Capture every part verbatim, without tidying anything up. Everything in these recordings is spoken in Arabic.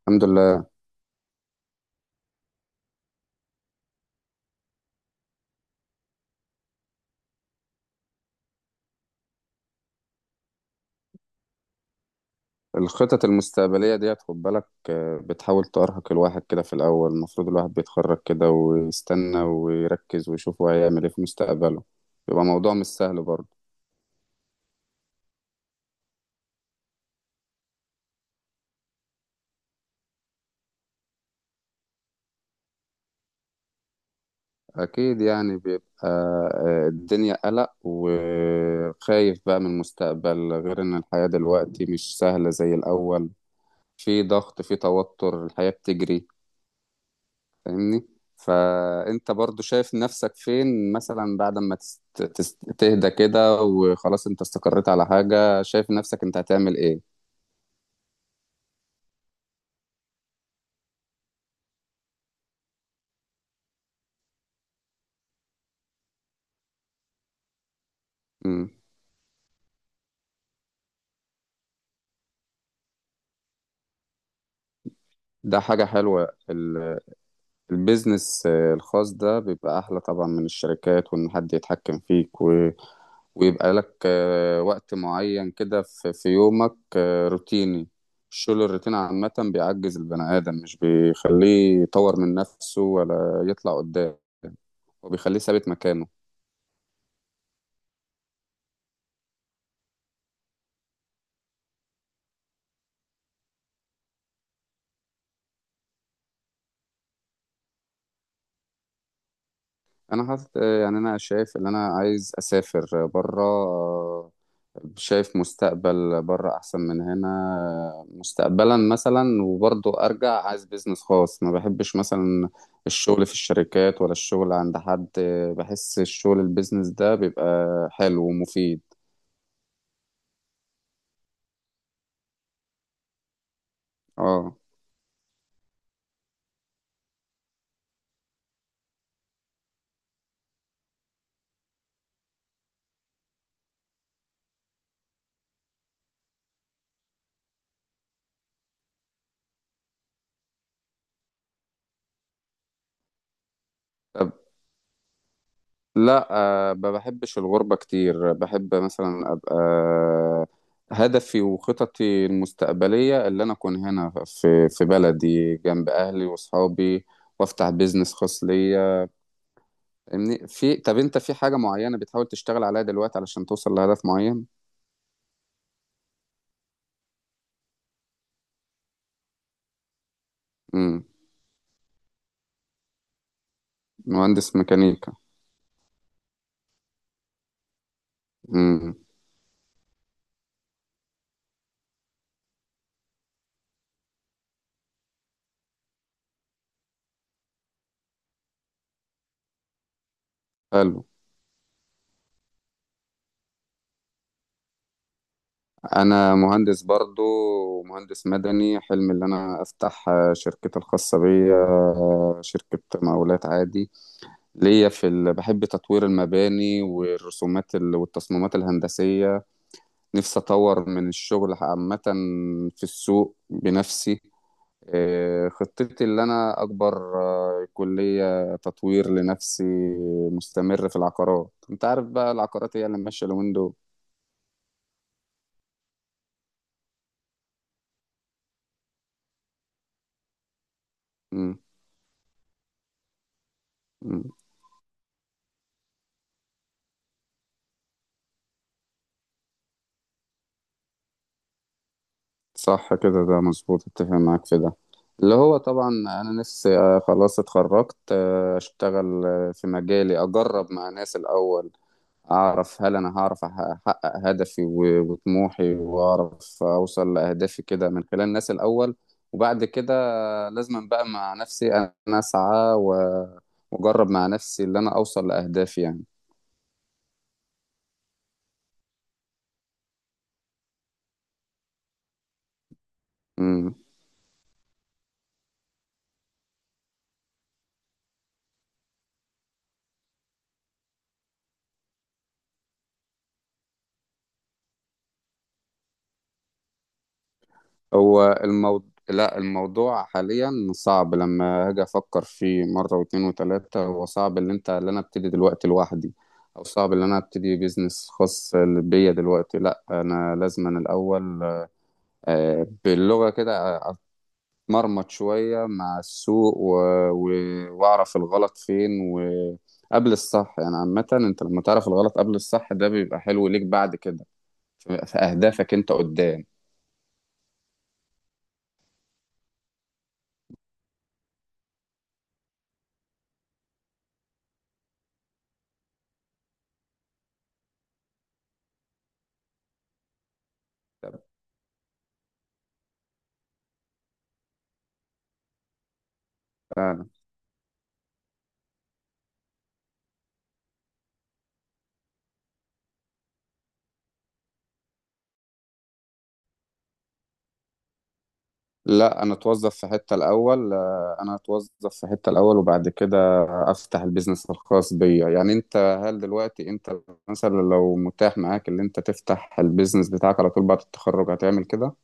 الحمد لله. الخطط المستقبلية ديت، خد بالك. آه، بتحاول تأرهق الواحد كده في الأول. المفروض الواحد بيتخرج كده ويستنى ويركز ويشوف هو هيعمل إيه في مستقبله. بيبقى موضوع مش سهل برضه. أكيد يعني بيبقى آه، الدنيا قلق وخايف بقى من المستقبل، غير إن الحياة دلوقتي مش سهلة زي الأول. في ضغط، في توتر، الحياة بتجري، فاهمني؟ فانت برضو شايف نفسك فين مثلا بعد ما تست... تست... تهدى كده وخلاص انت استقريت على حاجة، شايف نفسك انت هتعمل ايه؟ مم. ده حاجة حلوة ال... البيزنس آه، الخاص ده بيبقى احلى طبعا من الشركات، وان حد يتحكم فيك و... ويبقى لك آه، وقت معين كده في... في يومك آه، روتيني. الشغل الروتين عامة بيعجز البني آدم، مش بيخليه يطور من نفسه ولا يطلع قدام، وبيخليه ثابت مكانه. انا حاطط آه، يعني انا شايف ان انا عايز اسافر بره. شايف مستقبل بره احسن من هنا آه، مستقبلا مثلا، وبرضه ارجع عايز بيزنس خاص. ما بحبش مثلا الشغل في الشركات، ولا الشغل عند حد. آه، بحس الشغل البيزنس ده بيبقى حلو ومفيد. اه. لا، آه، ما بحبش الغربة كتير. بحب مثلا أبقى. هدفي وخططي المستقبلية اللي أنا أكون هنا في في بلدي جنب أهلي وأصحابي، وأفتح بيزنس خاص ليا. إن- في طب، أنت في حاجة معينة بتحاول تشتغل عليها دلوقتي علشان توصل لهدف معين؟ مم. مهندس ميكانيكا. مم. حلو. أنا مهندس برضو، مهندس مدني. حلمي اللي أنا أفتح آه، شركتي الخاصة بيا، آه، شركة مقاولات عادي ليا. في ال... بحب تطوير المباني والرسومات ال... والتصميمات الهندسية. نفسي أطور من الشغل عامة في السوق بنفسي. آه، خطتي اللي أنا أكبر، آه، كلية تطوير لنفسي. مستمر في العقارات. أنت عارف بقى العقارات هي اللي ماشية اليومين دول. مم. مم. صح كده، ده مظبوط، اتفق معاك في ده. اللي هو طبعا انا نفسي آه، خلاص اتخرجت آه، اشتغل آه، في مجالي، اجرب مع ناس الاول. أعرف هل أنا هعرف أح- أحقق هدفي و- وطموحي، وأعرف أوصل لأهدافي كده من خلال الناس الأول. وبعد كده لازم بقى مع نفسي أنا أسعى و- وأجرب مع نفسي اللي أنا أوصل لأهدافي يعني. مم. هو الموضوع، لا الموضوع حاليا صعب، لما أجي أفكر فيه مرة واتنين وتلاتة هو صعب. اللي أنت اللي أنا أبتدي دلوقتي لوحدي، أو صعب اللي أنا أبتدي بيزنس خاص بيا دلوقتي. لا أنا لازم أنا الأول آه، باللغة كده مرمط شوية مع السوق و... و... وأعرف الغلط فين وقبل الصح. يعني عامة أنت لما تعرف الغلط قبل الصح ده بيبقى حلو ليك بعد كده في في أهدافك أنت قدام. فعلا. لا، أنا أتوظف في حتة الأول. آه، أنا أتوظف في حتة الأول وبعد كده أفتح البيزنس الخاص بيا. يعني أنت، هل دلوقتي أنت مثلا لو متاح معاك اللي أنت تفتح البيزنس بتاعك على طول بعد التخرج هتعمل كده؟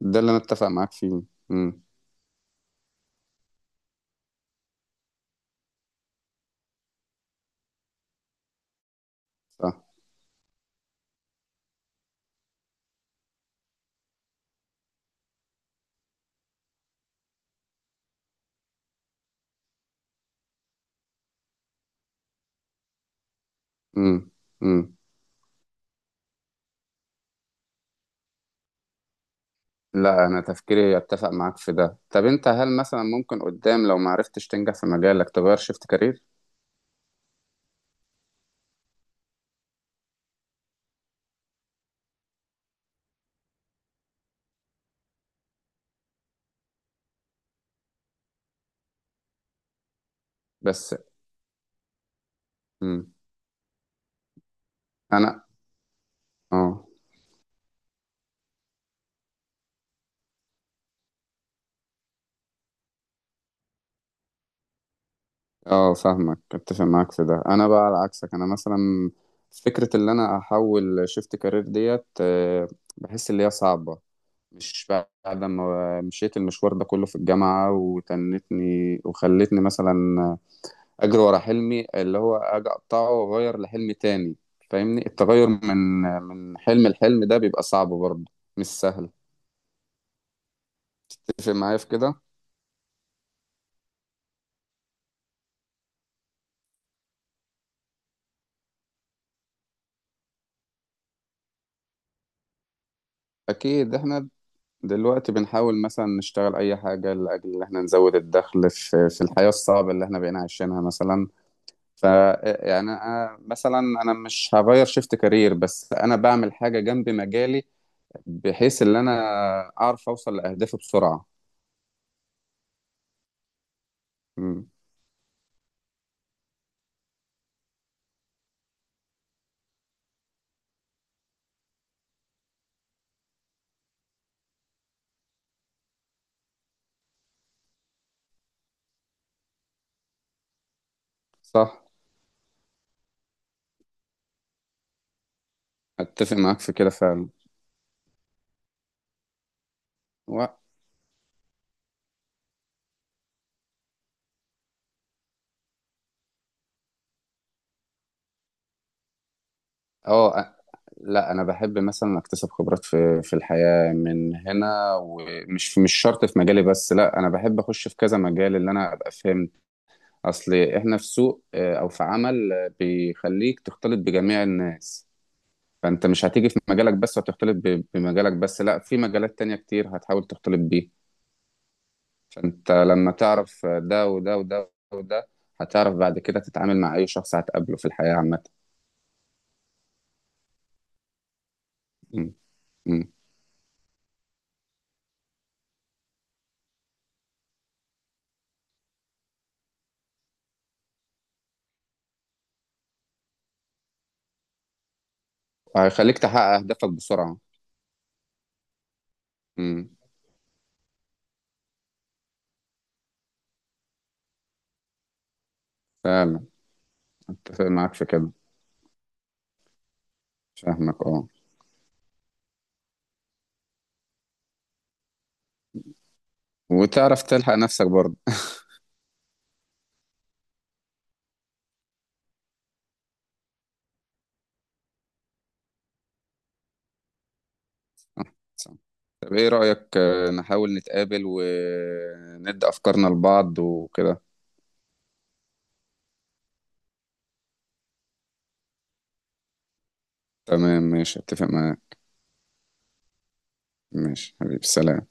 ده اللي أنا أتفق معاك فيه. امم صح. امم لا انا تفكيري يتفق معاك في ده. طب انت هل مثلا ممكن قدام لو ما عرفتش تنجح في مجالك تغير شيفت كارير؟ بس. امم انا. اه. اه فاهمك، اتفق معاك في ده. انا بقى على عكسك. انا مثلا فكرة اللي انا احول شيفت كارير ديت آه، بحس اللي هي صعبة. مش بعد ما مشيت المشوار ده كله في الجامعة وتنتني وخلتني مثلا اجري ورا حلمي، اللي هو اجي اقطعه واغير لحلم تاني. فاهمني؟ التغير من من حلم لحلم ده بيبقى صعب برضه، مش سهل. تتفق معايا في كده. اكيد احنا دلوقتي بنحاول مثلا نشتغل اي حاجه لاجل ان احنا نزود الدخل في في الحياه الصعبه اللي احنا بقينا عايشينها مثلا. ف، يعني أنا مثلا انا مش هغير شيفت كارير، بس انا بعمل حاجه جنب مجالي بحيث ان انا اعرف اوصل لاهدافي بسرعه. مم. صح. اتفق معاك في كده فعلا. اه. أ- لا انا بحب مثلا اكتسب خبرات في في الحياه من هنا، ومش مش شرط في مجالي بس، لا انا بحب اخش في كذا مجال اللي انا ابقى فاهم. اصل احنا في سوق آه، او في عمل آه، بيخليك تختلط بجميع الناس. فانت مش هتيجي في مجالك بس وتختلط ب- بمجالك بس، لا في مجالات تانية كتير هتحاول تختلط بيه. فانت لما تعرف ده وده وده وده هتعرف بعد كده تتعامل مع اي شخص هتقابله في الحياه عامه. م- م. وهيخليك تحقق اهدافك بسرعه. م. فعلا. اتفق معاك في كده. فاهمك اه. وتعرف تلحق نفسك برضه. طب ايه رأيك آه، نحاول نتقابل وندي افكارنا لبعض وكده. تمام ماشي، اتفق معاك. ماشي حبيبي، سلام.